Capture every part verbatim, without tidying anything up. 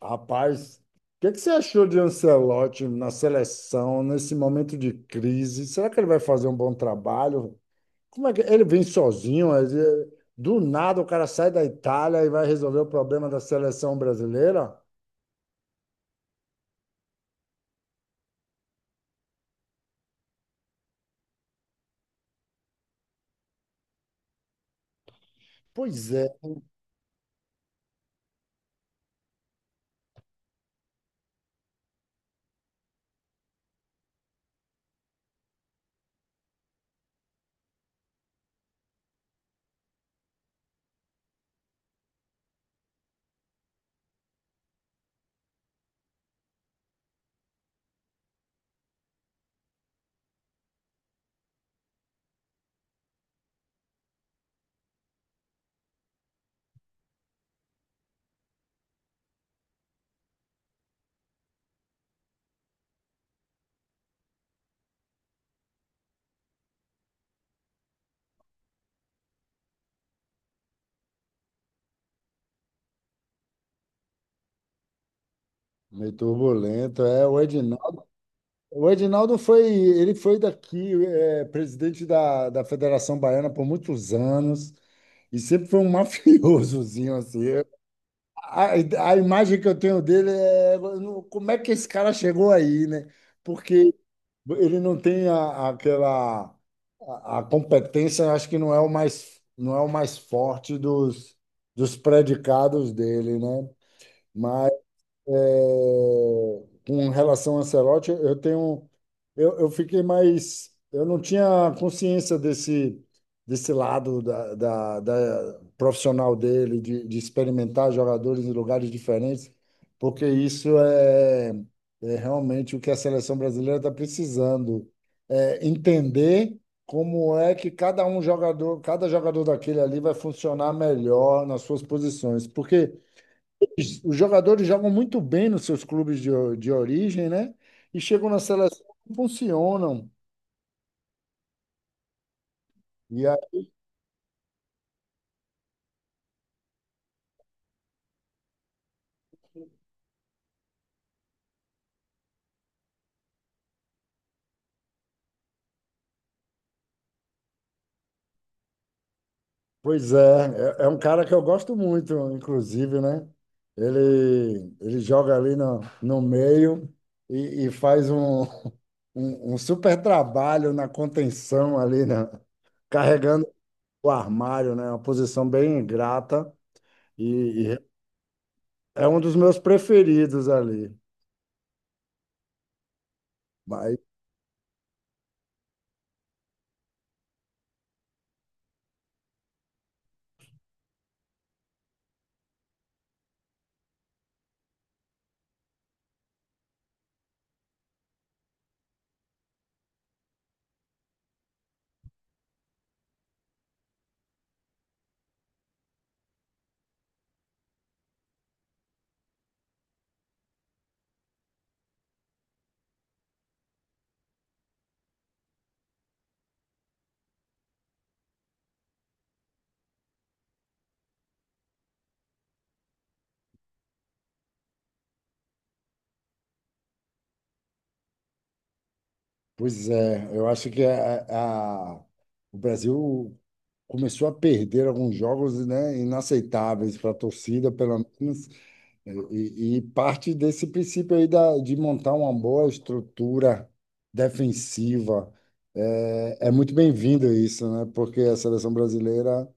Rapaz, o que que você achou de Ancelotti na seleção, nesse momento de crise? Será que ele vai fazer um bom trabalho? Como é que ele vem sozinho? Ele- Do nada o cara sai da Itália e vai resolver o problema da seleção brasileira? Pois é, meio turbulento. É, o Edinaldo, o Edinaldo foi, ele foi daqui, é, presidente da, da Federação Baiana por muitos anos e sempre foi um mafiosozinho assim. A, a imagem que eu tenho dele é no- como é que esse cara chegou aí, né? Porque ele não tem a- aquela a, a competência, acho que não é o mais não é o mais forte dos, dos predicados dele, né? É, com relação a Ancelotti, eu tenho, eu, eu fiquei mais, eu não tinha consciência desse, desse lado da, da, da profissional dele, de, de experimentar jogadores em lugares diferentes, porque isso é, é realmente o que a seleção brasileira está precisando, é entender como é que cada um jogador, cada jogador daquele ali vai funcionar melhor nas suas posições, porque os jogadores jogam muito bem nos seus clubes de, o- de origem, né? E chegam na seleção e funcionam. E a- Pois é, é, é um cara que eu gosto muito, inclusive, né? Ele, ele joga ali no, no meio e, e faz um, um, um super trabalho na contenção ali, né? Carregando o armário, né? Uma posição bem ingrata e, e é um dos meus preferidos ali. Pois é, eu acho que a, a- o Brasil começou a perder alguns jogos, né, inaceitáveis para a torcida, pelo menos, e, e parte desse princípio aí da, de montar uma boa estrutura defensiva. É, é muito bem-vindo isso, né, porque a seleção brasileira,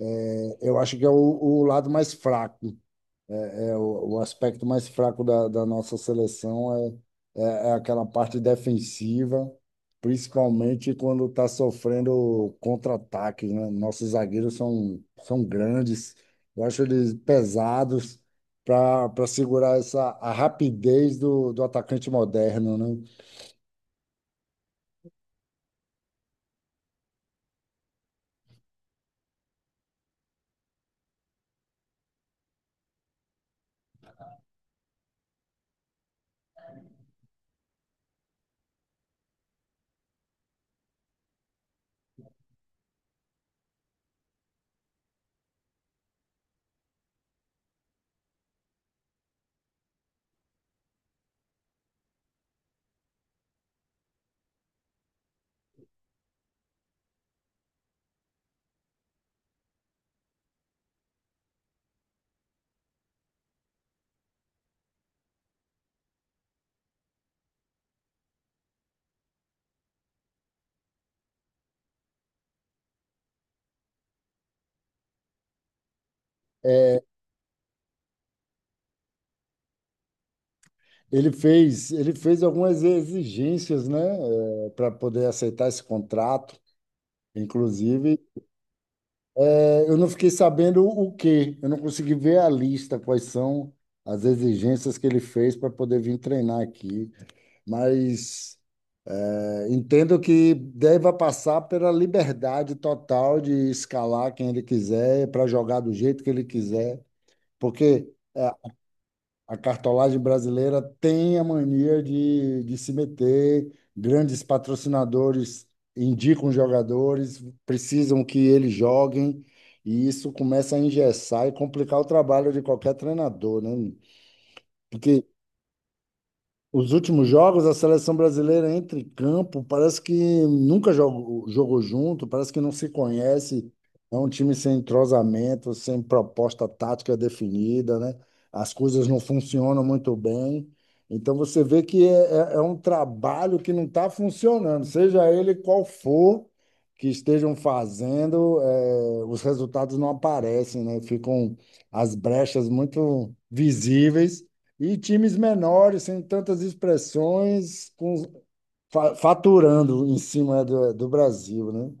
é, eu acho que é o, o lado mais fraco. É, O, o aspecto mais fraco da, da nossa seleção é, é, é aquela parte defensiva, principalmente quando está sofrendo contra-ataques, né? Nossos zagueiros são, são grandes, eu acho eles pesados para para segurar essa a rapidez do, do atacante moderno, né? Ele fez, ele fez algumas exigências, né, para poder aceitar esse contrato. Inclusive, eu não fiquei sabendo o quê. Eu não consegui ver a lista, quais são as exigências que ele fez para poder vir treinar aqui. Mas é, entendo que deva passar pela liberdade total de escalar quem ele quiser, para jogar do jeito que ele quiser. Porque a cartolagem brasileira tem a mania de, de se meter, grandes patrocinadores indicam jogadores, precisam que eles joguem, e isso começa a engessar e complicar o trabalho de qualquer treinador, né? Porque os últimos jogos, a seleção brasileira entra em campo, parece que nunca jogou, jogou junto, parece que não se conhece. É um time sem entrosamento, sem proposta tática definida, né? As coisas não funcionam muito bem. Então você vê que é, é- é um trabalho que não está funcionando, seja ele qual for que estejam fazendo, eh, os resultados não aparecem, né? Ficam as brechas muito visíveis e times menores, sem tantas expressões, com, fa- faturando em cima do, do Brasil, né?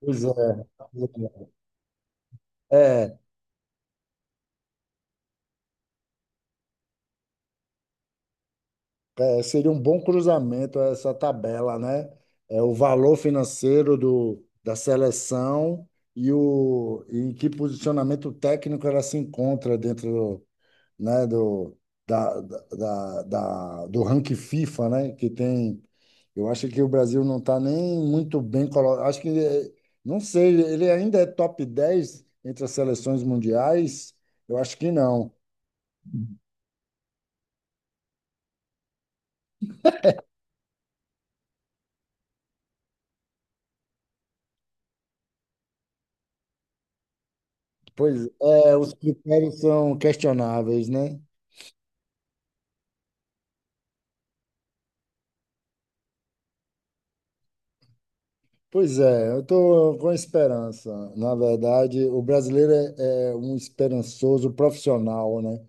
Pois é. É, é, é, seria um bom cruzamento essa tabela, né? É o valor financeiro do, da seleção e o e em que posicionamento técnico ela se encontra dentro né, do, da, da, da, da- do ranking FIFA, né, que tem. Eu acho que o Brasil não está nem muito bem colocado. Acho que, ele- não sei, ele ainda é top dez entre as seleções mundiais? Eu acho que não. Pois é, os critérios são questionáveis, né? Pois é, eu estou com esperança. Na verdade, o brasileiro é, é um esperançoso profissional, né?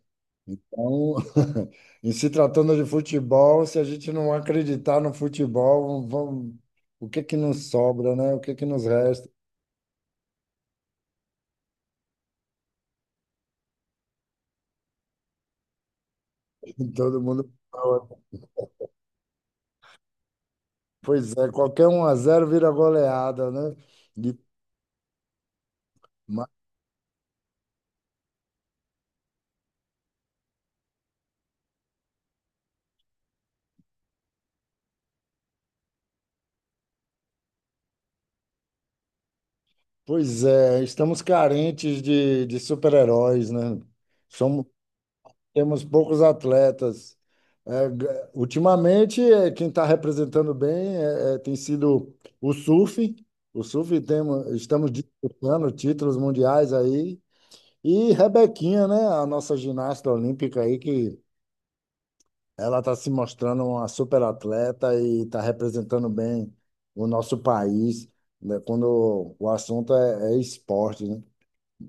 Então, em se tratando de futebol, se a gente não acreditar no futebol, vamos, o que é que nos sobra, né? O que é que nos resta? Todo mundo. Pois é, qualquer um a zero vira goleada, né? E- ma- Pois é, estamos carentes de, de super-heróis, né? Somos temos poucos atletas. É, g- ultimamente, é, quem está representando bem é, é, tem sido o surf. O surf temos, estamos disputando títulos mundiais aí. E Rebequinha, né? A nossa ginasta olímpica aí, que ela está se mostrando uma super atleta e está representando bem o nosso país, né, quando o assunto é, é esporte, né?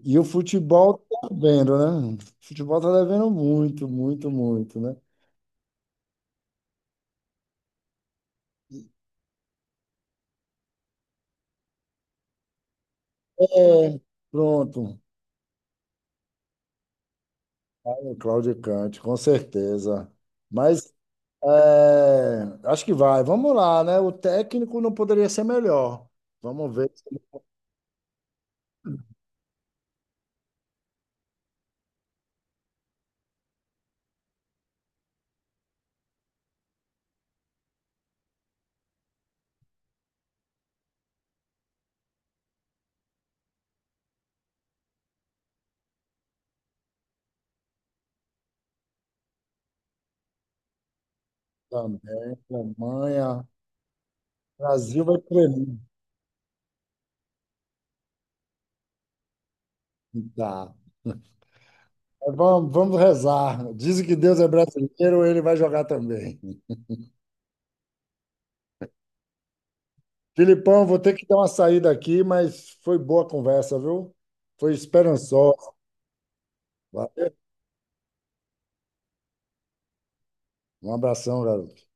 E o futebol tá devendo, né? O futebol tá devendo muito, muito, muito, né? É, pronto. O Cláudio Cante, com certeza. Mas é, acho que vai. Vamos lá, né? O técnico não poderia ser melhor. Vamos ver se ele também. Alemanha. Brasil vai premiar. Tá. Mas vamos, vamos rezar. Dizem que Deus é brasileiro, ele vai jogar também. Filipão, vou ter que dar uma saída aqui, mas foi boa a conversa, viu? Foi esperançosa. Valeu. Um abração, garoto.